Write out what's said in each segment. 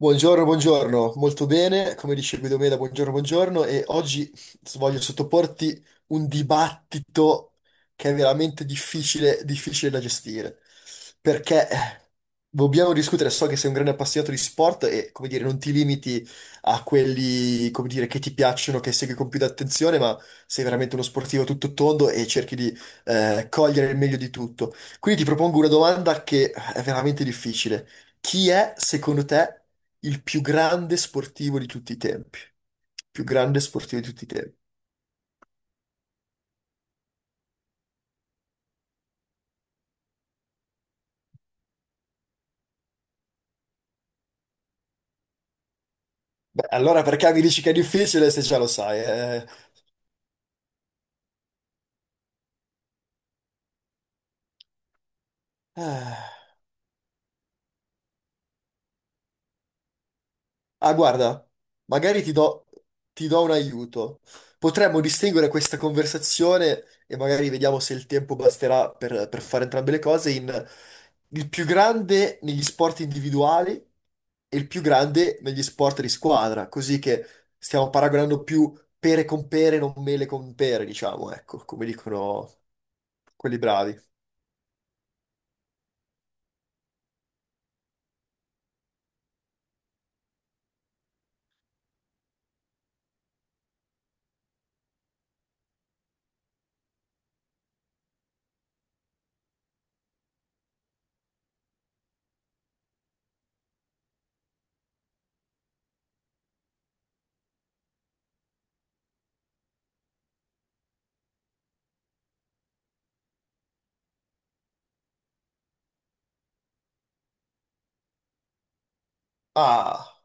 Buongiorno, buongiorno, molto bene, come dicevi Guidomeda, buongiorno, buongiorno e oggi voglio sottoporti un dibattito che è veramente difficile, difficile da gestire, perché dobbiamo discutere, so che sei un grande appassionato di sport e, come dire, non ti limiti a quelli, come dire, che ti piacciono, che segui con più attenzione, ma sei veramente uno sportivo tutto tondo e cerchi di cogliere il meglio di tutto. Quindi ti propongo una domanda che è veramente difficile. Chi è, secondo te, il più grande sportivo di tutti i tempi? Più grande sportivo di tutti i tempi. Beh, allora perché mi dici che è difficile se già lo sai, eh? Ah. Ah, guarda, magari ti do un aiuto. Potremmo distinguere questa conversazione e magari vediamo se il tempo basterà per fare entrambe le cose: in il più grande negli sport individuali e il più grande negli sport di squadra, così che stiamo paragonando più pere con pere, non mele con pere, diciamo, ecco, come dicono quelli bravi. Ah,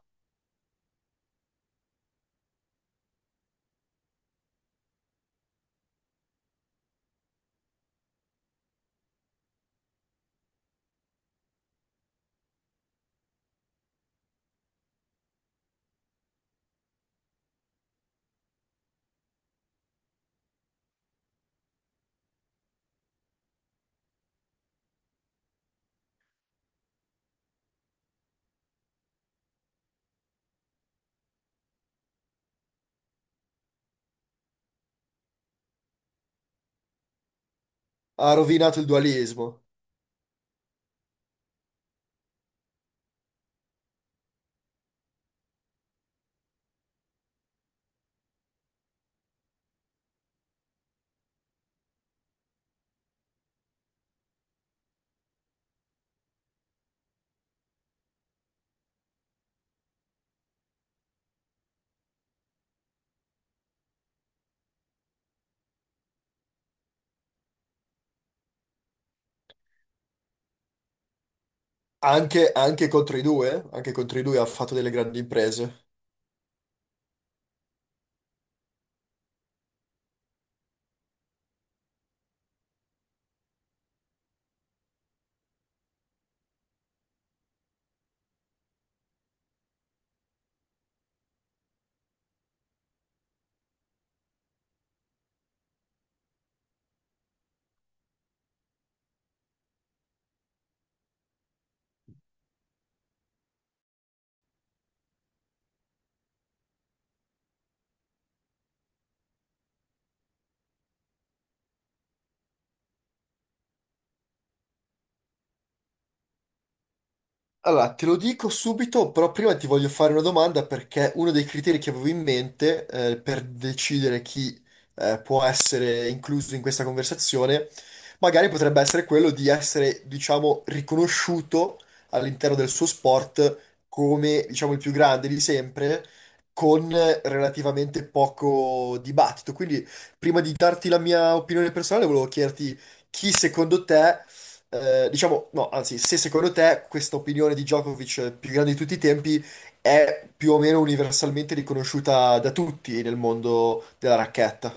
ha rovinato il dualismo. Anche, anche contro i due, anche contro i due ha fatto delle grandi imprese. Allora, te lo dico subito, però prima ti voglio fare una domanda, perché uno dei criteri che avevo in mente, per decidere chi può essere incluso in questa conversazione, magari potrebbe essere quello di essere, diciamo, riconosciuto all'interno del suo sport come, diciamo, il più grande di sempre, con relativamente poco dibattito. Quindi, prima di darti la mia opinione personale, volevo chiederti chi secondo te, diciamo, no, anzi, se secondo te questa opinione di Djokovic, più grande di tutti i tempi, è più o meno universalmente riconosciuta da tutti nel mondo della racchetta.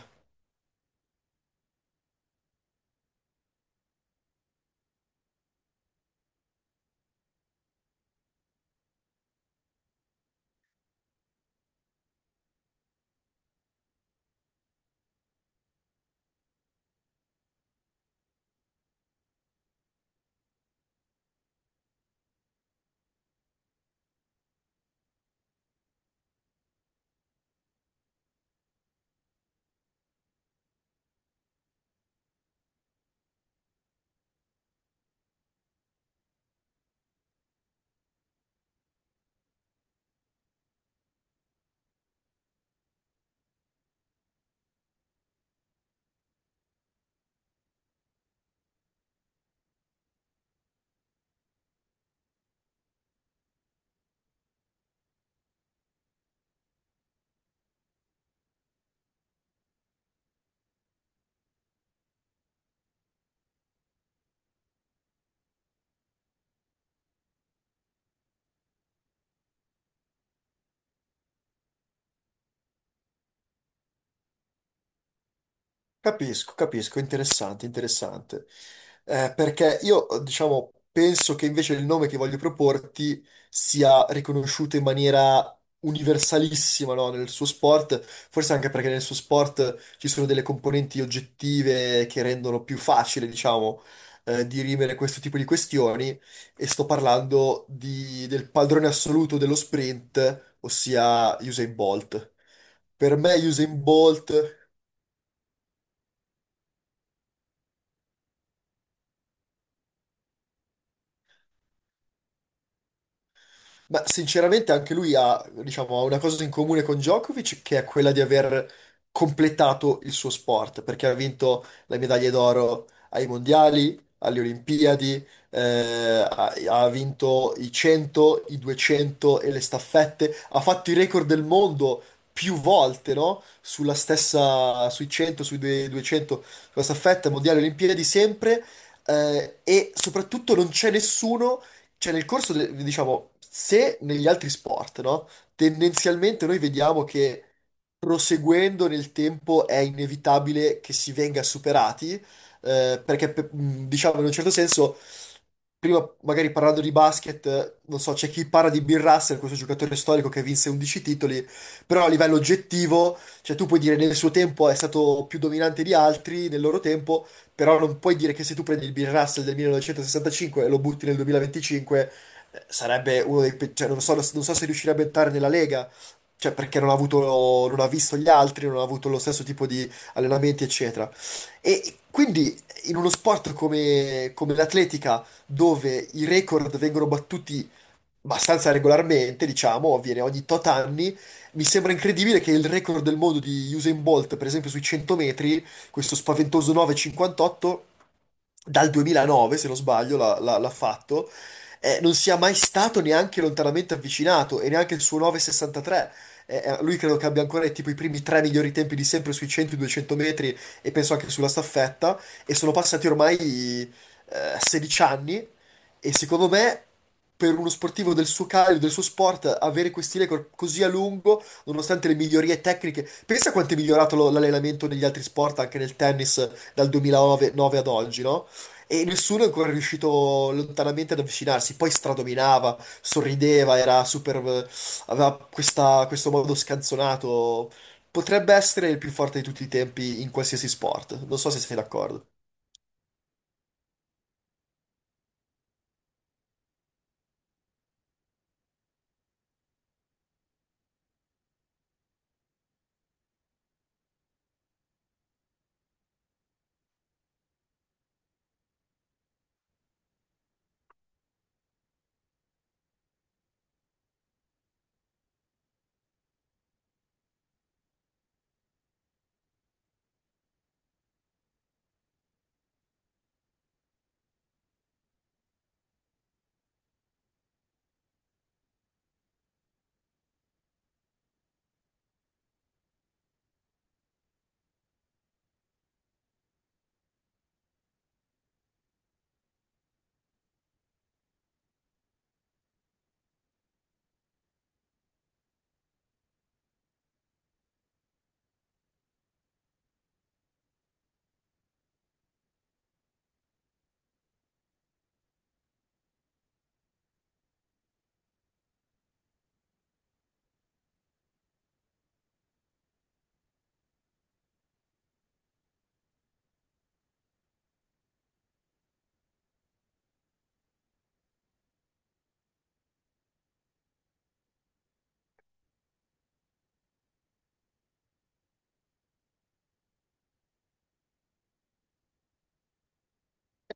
Capisco, capisco, interessante, interessante. Perché io, diciamo, penso che invece il nome che voglio proporti sia riconosciuto in maniera universalissima, no, nel suo sport, forse anche perché nel suo sport ci sono delle componenti oggettive che rendono più facile, diciamo, dirimere questo tipo di questioni. E sto parlando del padrone assoluto dello sprint, ossia Usain Bolt. Per me Usain Bolt, ma sinceramente anche lui ha, diciamo, ha una cosa in comune con Djokovic che è quella di aver completato il suo sport, perché ha vinto le medaglie d'oro ai mondiali, alle Olimpiadi, eh, ha, ha vinto i 100, i 200 e le staffette, ha fatto i record del mondo più volte, no? Sulla stessa, sui 100, sui 200, sulla staffetta, mondiali, Olimpiadi sempre, e soprattutto non c'è nessuno, cioè, nel corso, diciamo, se negli altri sport, no? Tendenzialmente noi vediamo che proseguendo nel tempo è inevitabile che si venga superati, perché, diciamo, in un certo senso, prima magari parlando di basket, non so, c'è chi parla di Bill Russell, questo giocatore storico che vinse 11 titoli, però a livello oggettivo, cioè tu puoi dire nel suo tempo è stato più dominante di altri, nel loro tempo, però non puoi dire che se tu prendi il Bill Russell del 1965 e lo butti nel 2025, sarebbe uno dei... cioè, non so, non so se riuscirebbe a entrare nella Lega, cioè perché non ha avuto, non ha visto gli altri, non ha avuto lo stesso tipo di allenamenti, eccetera. E quindi in uno sport come come l'atletica, dove i record vengono battuti abbastanza regolarmente, diciamo, avviene ogni tot anni. Mi sembra incredibile che il record del mondo di Usain Bolt, per esempio sui 100 metri, questo spaventoso 9,58, dal 2009, se non sbaglio, l'ha fatto, non sia mai stato neanche lontanamente avvicinato, e neanche il suo 9,63. Lui credo che abbia ancora, tipo i primi tre migliori tempi di sempre sui 100-200 metri, e penso anche sulla staffetta, e sono passati ormai, 16 anni, e secondo me per uno sportivo del suo calibro, del suo sport, avere questi record così a lungo, nonostante le migliorie tecniche. Pensa quanto è migliorato l'allenamento negli altri sport, anche nel tennis, dal 2009 9 ad oggi, no? E nessuno è ancora riuscito lontanamente ad avvicinarsi. Poi stradominava, sorrideva, era super, aveva questo modo scanzonato. Potrebbe essere il più forte di tutti i tempi in qualsiasi sport. Non so se sei d'accordo.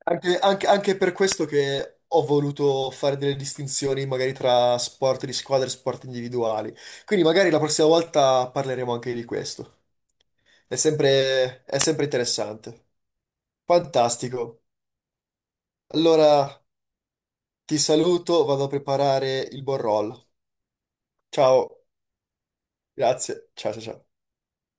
Anche, anche per questo che ho voluto fare delle distinzioni magari tra sport di squadra e sport individuali. Quindi magari la prossima volta parleremo anche di questo. È sempre interessante. Fantastico. Allora ti saluto, vado a preparare il buon roll. Ciao, grazie. Ciao, ciao, ciao.